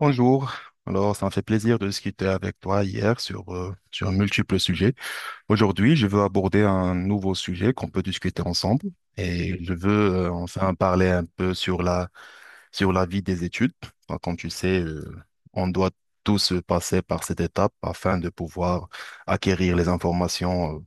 Bonjour. Alors, ça me fait plaisir de discuter avec toi hier sur, sur un multiple sujet. Aujourd'hui, je veux aborder un nouveau sujet qu'on peut discuter ensemble et je veux enfin parler un peu sur sur la vie des études. Enfin, comme tu sais, on doit tous passer par cette étape afin de pouvoir acquérir les informations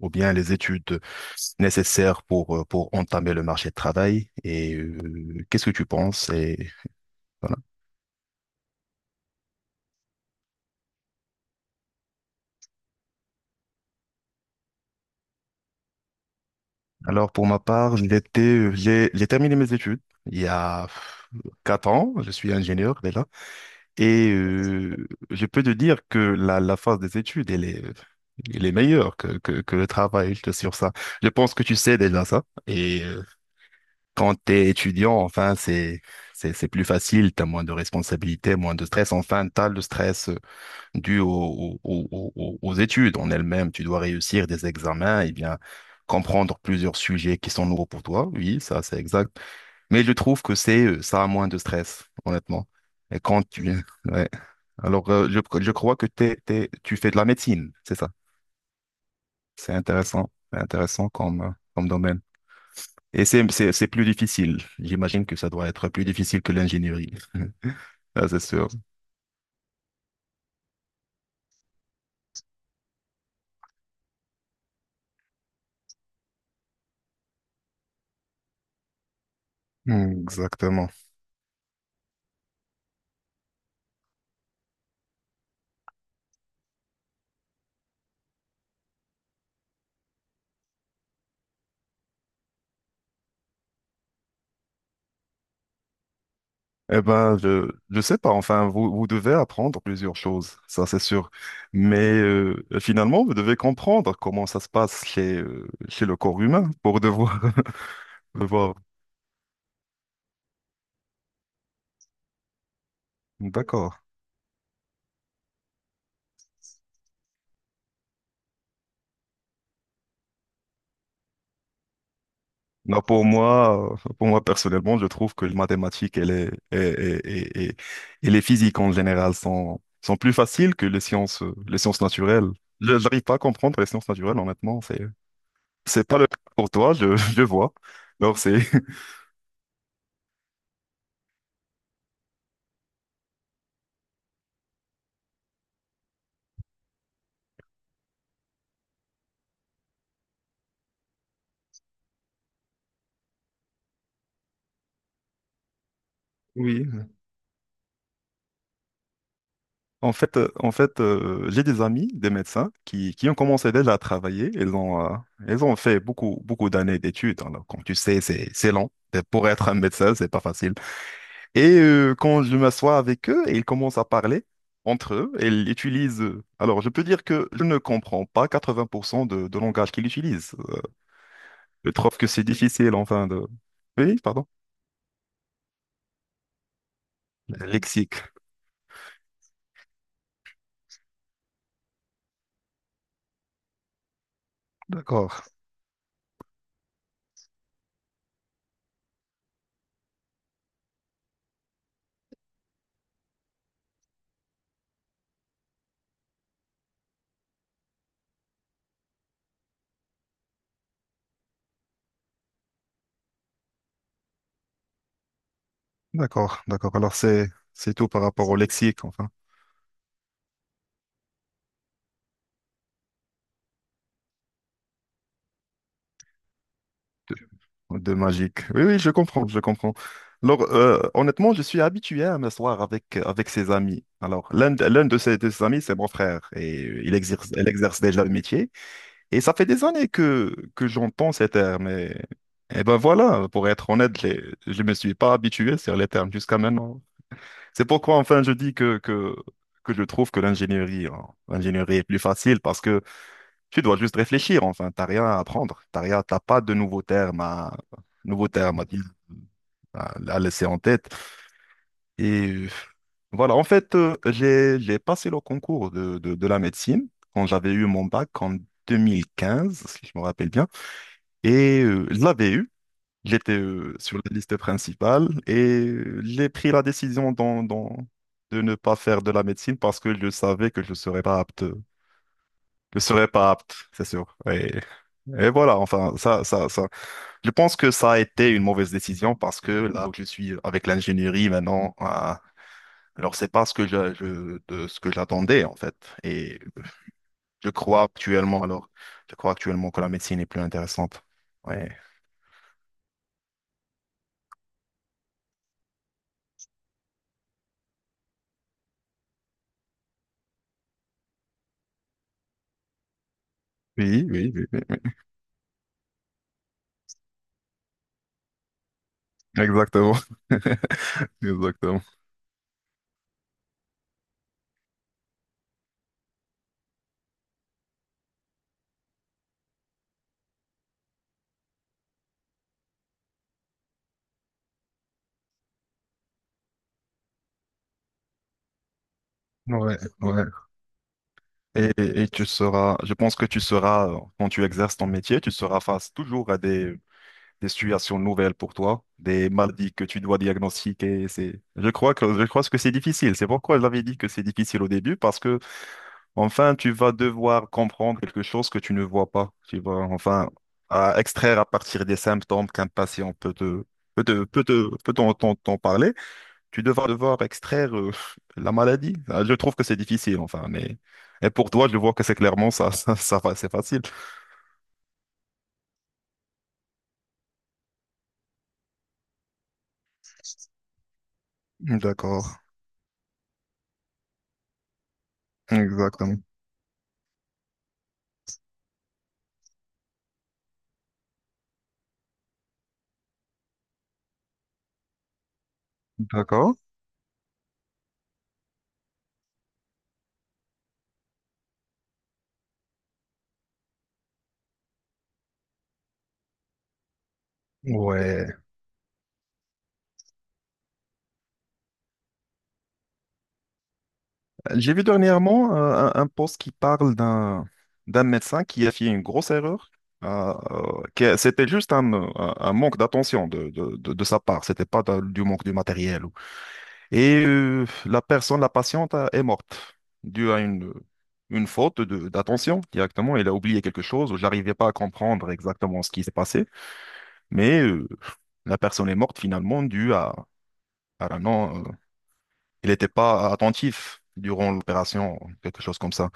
ou bien les études nécessaires pour entamer le marché de travail. Et qu'est-ce que tu penses? Et voilà. Alors pour ma part, j'ai terminé mes études il y a 4 ans, je suis ingénieur déjà, et je peux te dire que la phase des études, elle est meilleure que le travail, je t'assure ça. Je pense que tu sais déjà ça, et quand tu es étudiant, enfin, c'est plus facile, tu as moins de responsabilités, moins de stress, enfin, tu as le stress dû aux études en elles-mêmes. Tu dois réussir des examens et bien comprendre plusieurs sujets qui sont nouveaux pour toi. Oui, ça, c'est exact. Mais je trouve que c'est ça a moins de stress, honnêtement. Et quand tu... Ouais. Alors, je crois que tu fais de la médecine, c'est ça. C'est intéressant. C'est intéressant comme, comme domaine. Et c'est plus difficile. J'imagine que ça doit être plus difficile que l'ingénierie. Ah, c'est sûr. Mm, exactement. Eh ben, je sais pas. Enfin, vous vous devez apprendre plusieurs choses, ça c'est sûr. Mais finalement, vous devez comprendre comment ça se passe chez chez le corps humain pour devoir devoir. D'accord. Non, pour moi personnellement, je trouve que les mathématiques et les physiques en général sont plus faciles que les sciences naturelles. Je n'arrive pas à comprendre les sciences naturelles, honnêtement. C'est pas le cas pour toi, je je vois. Alors c'est oui. En fait, j'ai des amis, des médecins, qui ont commencé déjà à travailler. Ils ont fait beaucoup d'années d'études. Alors, comme tu sais, c'est long. Et pour être un médecin, c'est pas facile. Et quand je m'assois avec eux, ils commencent à parler entre eux. Ils utilisent. Alors, je peux dire que je ne comprends pas 80% de langage qu'ils utilisent. Je trouve que c'est difficile, enfin, de. Oui, pardon. Le lexique. D'accord, d'accord. Alors, c'est tout par rapport au lexique, enfin. De magique. Oui, oui, je comprends, je comprends. Alors, honnêtement, je suis habitué à m'asseoir avec, avec ses amis. Alors, l'un de de ses amis, c'est mon frère, et il exerce, elle exerce déjà le métier. Et ça fait des années que j'entends ces termes. Et ben voilà, pour être honnête, je ne me suis pas habitué sur les termes jusqu'à maintenant. C'est pourquoi, enfin, je dis que je trouve que l'ingénierie, hein, l'ingénierie est plus facile, parce que tu dois juste réfléchir, enfin, t'as rien à apprendre, t'as rien, t'as pas de nouveaux termes à dire, à laisser en tête. Et voilà, en fait, j'ai passé le concours de la médecine quand j'avais eu mon bac en 2015, si je me rappelle bien, et je l'avais eu. J'étais sur la liste principale et j'ai pris la décision de ne pas faire de la médecine parce que je savais que je ne serais pas apte. Je serais pas apte, c'est sûr. Et voilà, enfin, ça. Je pense que ça a été une mauvaise décision parce que là où je suis avec l'ingénierie maintenant, alors c'est pas ce que de ce que j'attendais en fait. Et je crois actuellement, alors, je crois actuellement que la médecine est plus intéressante. Ouais. Oui, oui, oui, oui. Exactement. Exactement. Ouais, ouais. Et tu seras, je pense que tu seras, quand tu exerces ton métier, tu seras face toujours à des situations nouvelles pour toi, des maladies que tu dois diagnostiquer. C'est, je crois que c'est difficile. C'est pourquoi j'avais dit que c'est difficile au début, parce que, enfin, tu vas devoir comprendre quelque chose que tu ne vois pas. Tu vas, enfin, à extraire à partir des symptômes qu'un patient peut te, t'en parler. Tu devras devoir extraire, la maladie. Ah, je trouve que c'est difficile, enfin, mais, et pour toi, je vois que c'est clairement ça, c'est facile. D'accord. Exactement. D'accord. Ouais. J'ai vu dernièrement un post qui parle d'un d'un médecin qui a fait une grosse erreur. Que c'était juste un, un manque d'attention de sa part. C'était pas d'un- du manque du matériel. Ou- Et la personne, la patiente, est morte due à une faute de- d'attention directement. Elle a oublié quelque chose. Je n'arrivais pas à comprendre exactement ce qui s'est passé. Mais la personne est morte finalement à la non. Il n'était pas attentif durant l'opération, quelque chose comme ça.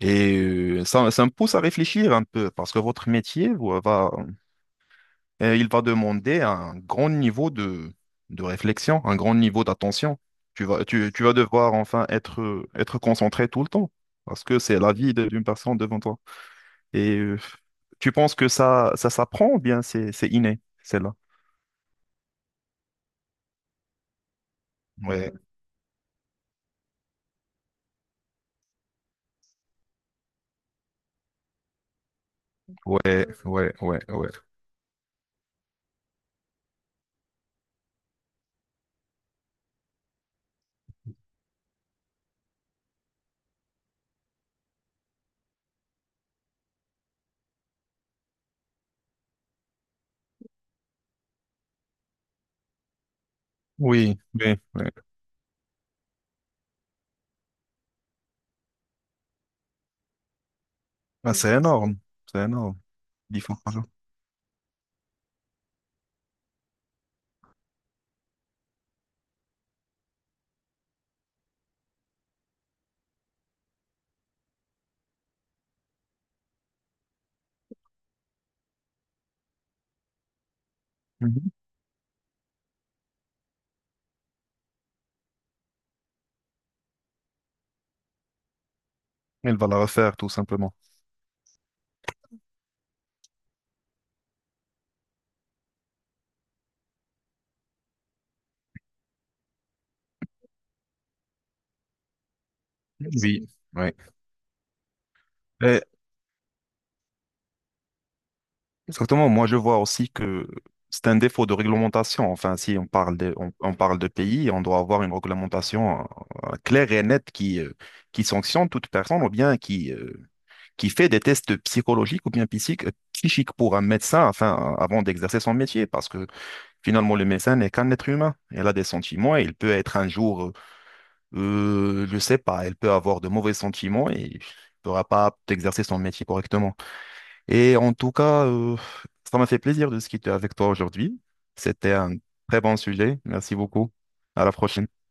Et ça, ça me pousse à réfléchir un peu, parce que votre métier il va demander un grand niveau de réflexion, un grand niveau d'attention. Tu vas devoir enfin être, être concentré tout le temps, parce que c'est la vie de- d'une personne devant toi. Et tu penses que ça s'apprend ou bien c'est inné, celle-là? Ouais, ouais, ouais, ouais, ouais. Oui, oui, oui. Ah, c'est énorme, c'est énorme. Il faut. Mhm. Il va la refaire, tout simplement. Oui, oui. Exactement. Moi, je vois aussi que c'est un défaut de réglementation. Enfin, si on parle de, on parle de pays, on doit avoir une réglementation claire et nette qui sanctionne toute personne ou bien qui fait des tests psychologiques ou bien psychiques pour un médecin enfin, avant d'exercer son métier. Parce que finalement, le médecin n'est qu'un être humain. Elle a des sentiments et il peut être un jour, je sais pas, elle peut avoir de mauvais sentiments et ne pourra pas exercer son métier correctement. Et en tout cas, ça m'a fait plaisir de discuter avec toi aujourd'hui. C'était un très bon sujet. Merci beaucoup. À la prochaine.